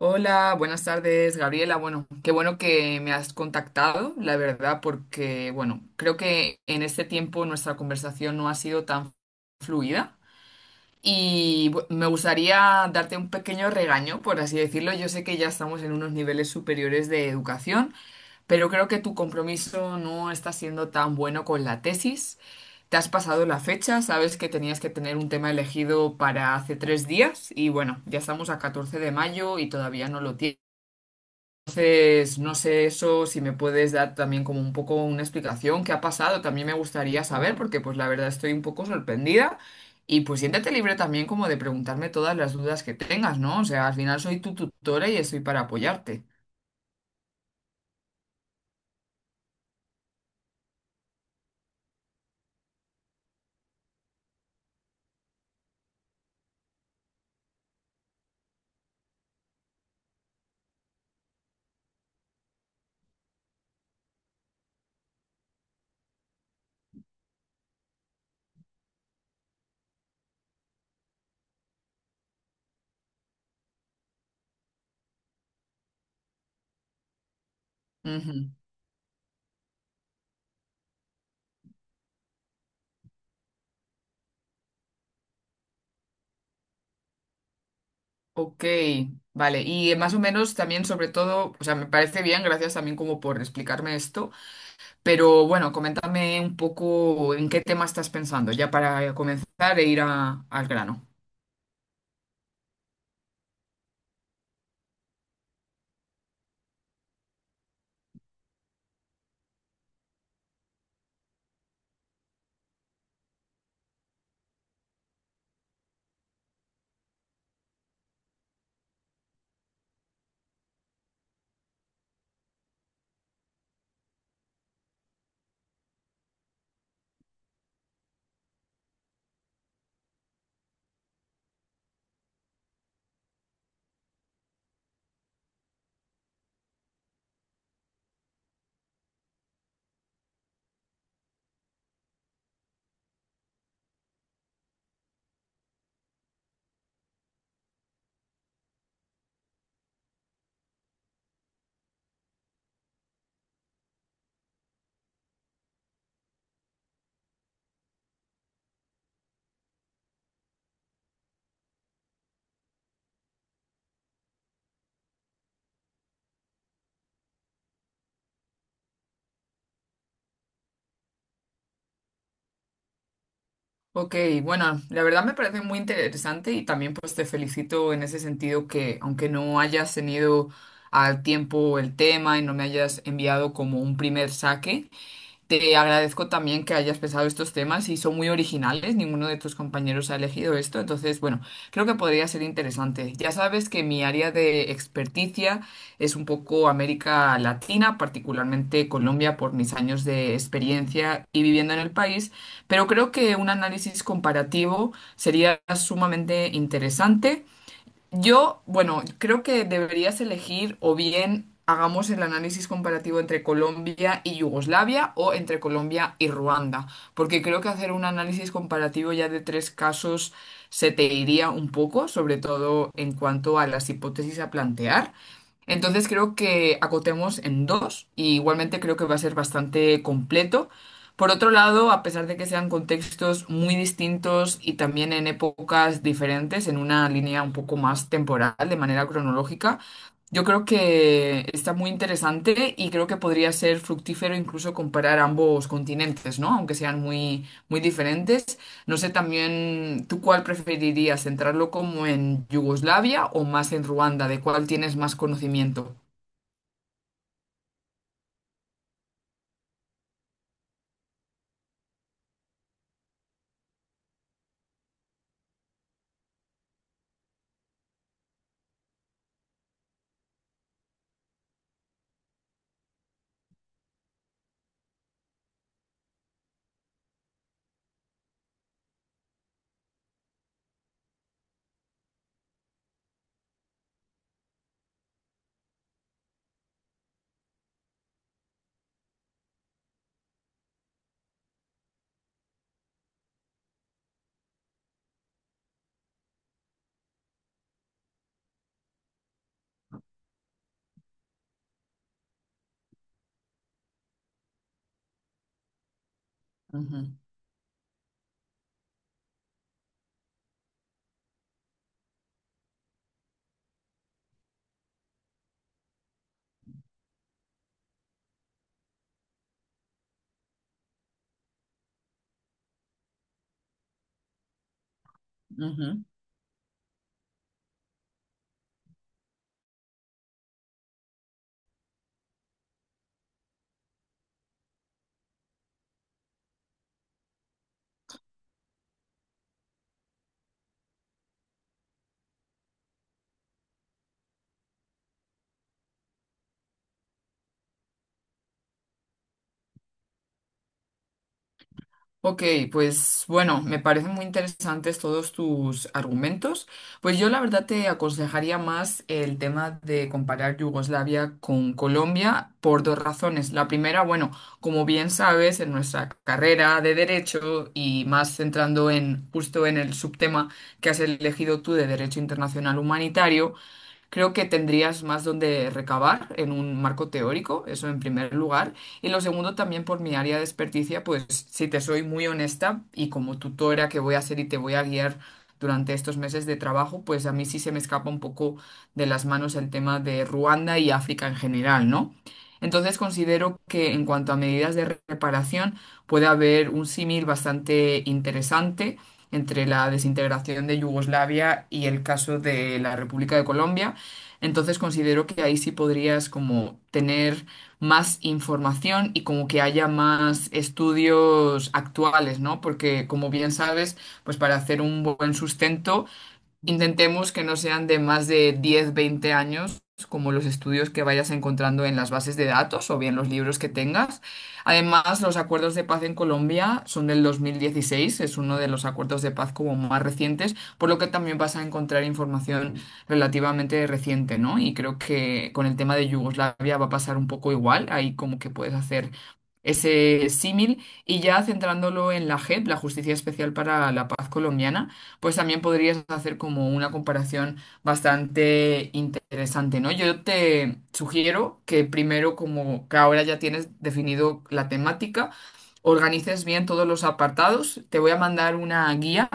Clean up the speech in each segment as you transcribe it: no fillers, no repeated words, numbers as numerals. Hola, buenas tardes, Gabriela. Bueno, qué bueno que me has contactado, la verdad, porque, bueno, creo que en este tiempo nuestra conversación no ha sido tan fluida y me gustaría darte un pequeño regaño, por así decirlo. Yo sé que ya estamos en unos niveles superiores de educación, pero creo que tu compromiso no está siendo tan bueno con la tesis. Te has pasado la fecha, sabes que tenías que tener un tema elegido para hace 3 días y, bueno, ya estamos a 14 de mayo y todavía no lo tienes. Pues no sé eso, si me puedes dar también como un poco una explicación, qué ha pasado, también me gustaría saber, porque pues la verdad estoy un poco sorprendida y pues siéntate libre también como de preguntarme todas las dudas que tengas, ¿no? O sea, al final soy tu tutora y estoy para apoyarte. Ujú. Ok, vale, y más o menos también sobre todo, o sea, me parece bien, gracias también como por explicarme esto, pero bueno, coméntame un poco en qué tema estás pensando, ya para comenzar e ir al grano. Ok, bueno, la verdad me parece muy interesante y también pues te felicito en ese sentido que aunque no hayas tenido al tiempo el tema y no me hayas enviado como un primer saque, te agradezco también que hayas pensado estos temas y son muy originales, ninguno de tus compañeros ha elegido esto, entonces, bueno, creo que podría ser interesante. Ya sabes que mi área de experticia es un poco América Latina, particularmente Colombia, por mis años de experiencia y viviendo en el país, pero creo que un análisis comparativo sería sumamente interesante. Yo, bueno, creo que deberías elegir o bien hagamos el análisis comparativo entre Colombia y Yugoslavia o entre Colombia y Ruanda, porque creo que hacer un análisis comparativo ya de tres casos se te iría un poco, sobre todo en cuanto a las hipótesis a plantear. Entonces creo que acotemos en dos y igualmente creo que va a ser bastante completo por otro lado, a pesar de que sean contextos muy distintos y también en épocas diferentes, en una línea un poco más temporal, de manera cronológica, yo creo que está muy interesante y creo que podría ser fructífero incluso comparar ambos continentes, ¿no? Aunque sean muy, muy diferentes. No sé también, ¿tú cuál preferirías? ¿Centrarlo como en Yugoslavia o más en Ruanda? ¿De cuál tienes más conocimiento? Ujú, ujú. Ok, pues bueno, me parecen muy interesantes todos tus argumentos. Pues yo la verdad te aconsejaría más el tema de comparar Yugoslavia con Colombia por dos razones. La primera, bueno, como bien sabes, en nuestra carrera de derecho y más centrando en justo en el subtema que has elegido tú de Derecho Internacional Humanitario, creo que tendrías más donde recabar en un marco teórico, eso en primer lugar. Y lo segundo, también por mi área de experticia, pues si te soy muy honesta y como tutora que voy a ser y te voy a guiar durante estos meses de trabajo, pues a mí sí se me escapa un poco de las manos el tema de Ruanda y África en general, ¿no? Entonces considero que en cuanto a medidas de reparación puede haber un símil bastante interesante entre la desintegración de Yugoslavia y el caso de la República de Colombia, entonces considero que ahí sí podrías como tener más información y como que haya más estudios actuales, ¿no? Porque como bien sabes, pues para hacer un buen sustento intentemos que no sean de más de 10, 20 años, como los estudios que vayas encontrando en las bases de datos o bien los libros que tengas. Además, los acuerdos de paz en Colombia son del 2016, es uno de los acuerdos de paz como más recientes, por lo que también vas a encontrar información relativamente reciente, ¿no? Y creo que con el tema de Yugoslavia va a pasar un poco igual, ahí como que puedes hacer ese símil y ya centrándolo en la JEP, la Justicia Especial para la Paz Colombiana, pues también podrías hacer como una comparación bastante interesante, ¿no? Yo te sugiero que primero, como que ahora ya tienes definido la temática, organices bien todos los apartados. Te voy a mandar una guía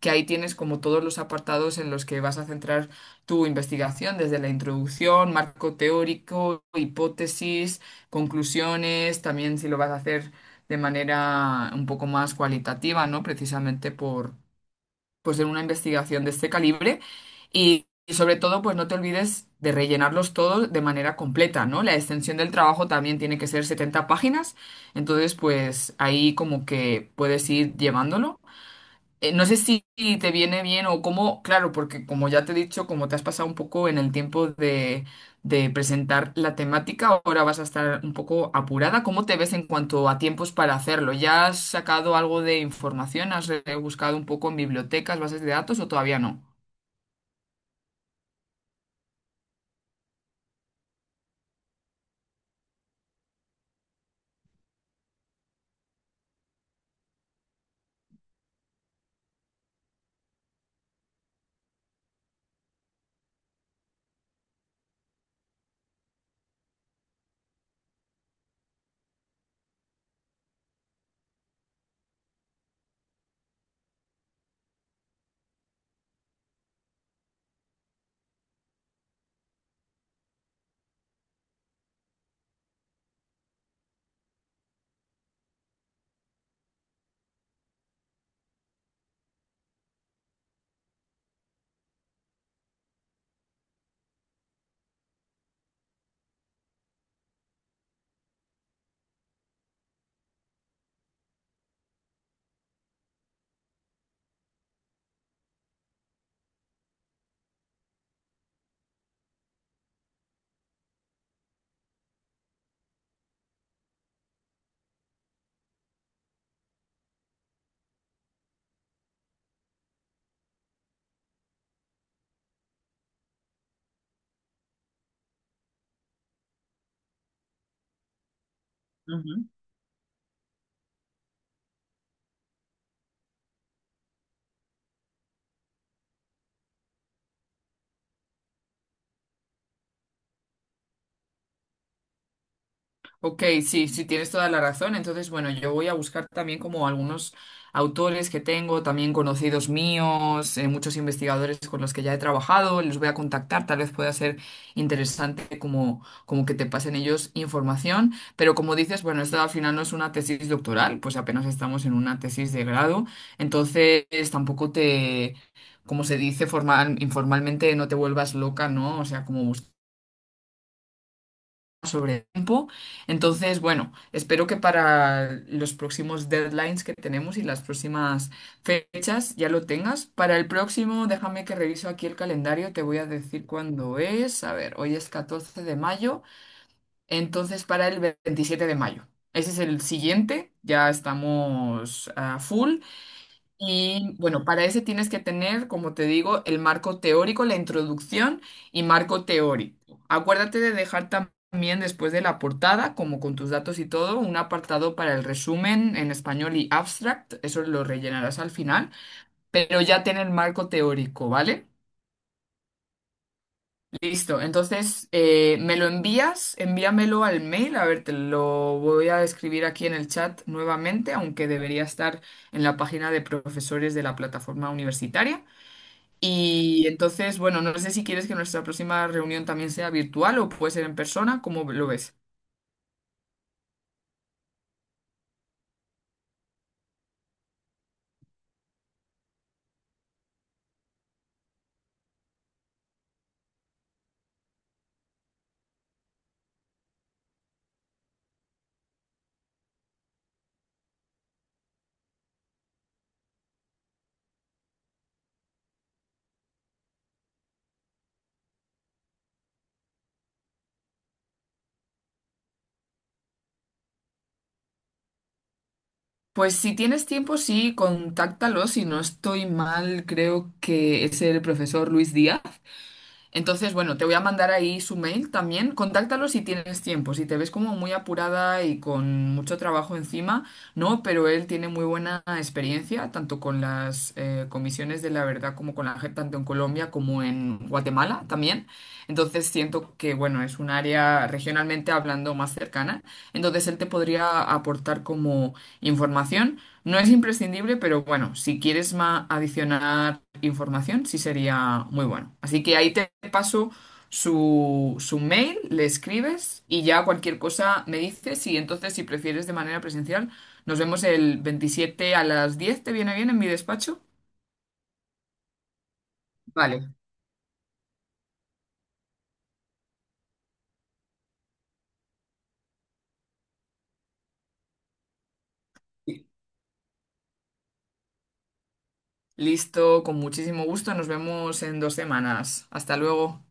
que ahí tienes como todos los apartados en los que vas a centrar tu investigación, desde la introducción, marco teórico, hipótesis, conclusiones, también si lo vas a hacer de manera un poco más cualitativa, ¿no? Precisamente pues en una investigación de este calibre y sobre todo pues no te olvides de rellenarlos todos de manera completa, ¿no? La extensión del trabajo también tiene que ser 70 páginas, entonces pues ahí como que puedes ir llevándolo no sé si te viene bien o cómo, claro, porque como ya te he dicho, como te has pasado un poco en el tiempo de, presentar la temática, ahora vas a estar un poco apurada. ¿Cómo te ves en cuanto a tiempos para hacerlo? ¿Ya has sacado algo de información? ¿Has buscado un poco en bibliotecas, bases de datos o todavía no? Ok, sí, sí, tienes toda la razón. Entonces, bueno, yo voy a buscar también como algunos autores que tengo, también conocidos míos, muchos investigadores con los que ya he trabajado, les voy a contactar, tal vez pueda ser interesante como, como que te pasen ellos información, pero como dices, bueno, esto al final no es una tesis doctoral, pues apenas estamos en una tesis de grado, entonces tampoco te... Como se dice formal, informalmente, no te vuelvas loca, ¿no? O sea, como sobre el tiempo. Entonces, bueno, espero que para los próximos deadlines que tenemos y las próximas fechas ya lo tengas. Para el próximo, déjame que reviso aquí el calendario, te voy a decir cuándo es. A ver, hoy es 14 de mayo, entonces para el 27 de mayo. Ese es el siguiente, ya estamos a full. Y bueno, para ese tienes que tener, como te digo, el marco teórico, la introducción y marco teórico. Acuérdate de dejar también después de la portada, como con tus datos y todo, un apartado para el resumen en español y abstract. Eso lo rellenarás al final, pero ya ten el marco teórico, ¿vale? Listo, entonces me lo envías, envíamelo al mail, a ver, te lo voy a escribir aquí en el chat nuevamente, aunque debería estar en la página de profesores de la plataforma universitaria. Y entonces, bueno, no sé si quieres que nuestra próxima reunión también sea virtual o puede ser en persona, ¿cómo lo ves? Pues si tienes tiempo, sí, contáctalo. Si no estoy mal, creo que es el profesor Luis Díaz. Entonces, bueno, te voy a mandar ahí su mail también. Contáctalo si tienes tiempo, si te ves como muy apurada y con mucho trabajo encima, no, pero él tiene muy buena experiencia, tanto con las comisiones de la verdad como con la gente, tanto en Colombia como en Guatemala también. Entonces, siento que, bueno, es un área regionalmente hablando más cercana. Entonces, él te podría aportar como información. No es imprescindible, pero bueno, si quieres adicionar información, sí sería muy bueno. Así que ahí te paso su mail, le escribes y ya cualquier cosa me dices. Y entonces, si prefieres de manera presencial, nos vemos el 27 a las 10. ¿Te viene bien en mi despacho? Vale. Listo, con muchísimo gusto. Nos vemos en 2 semanas. Hasta luego.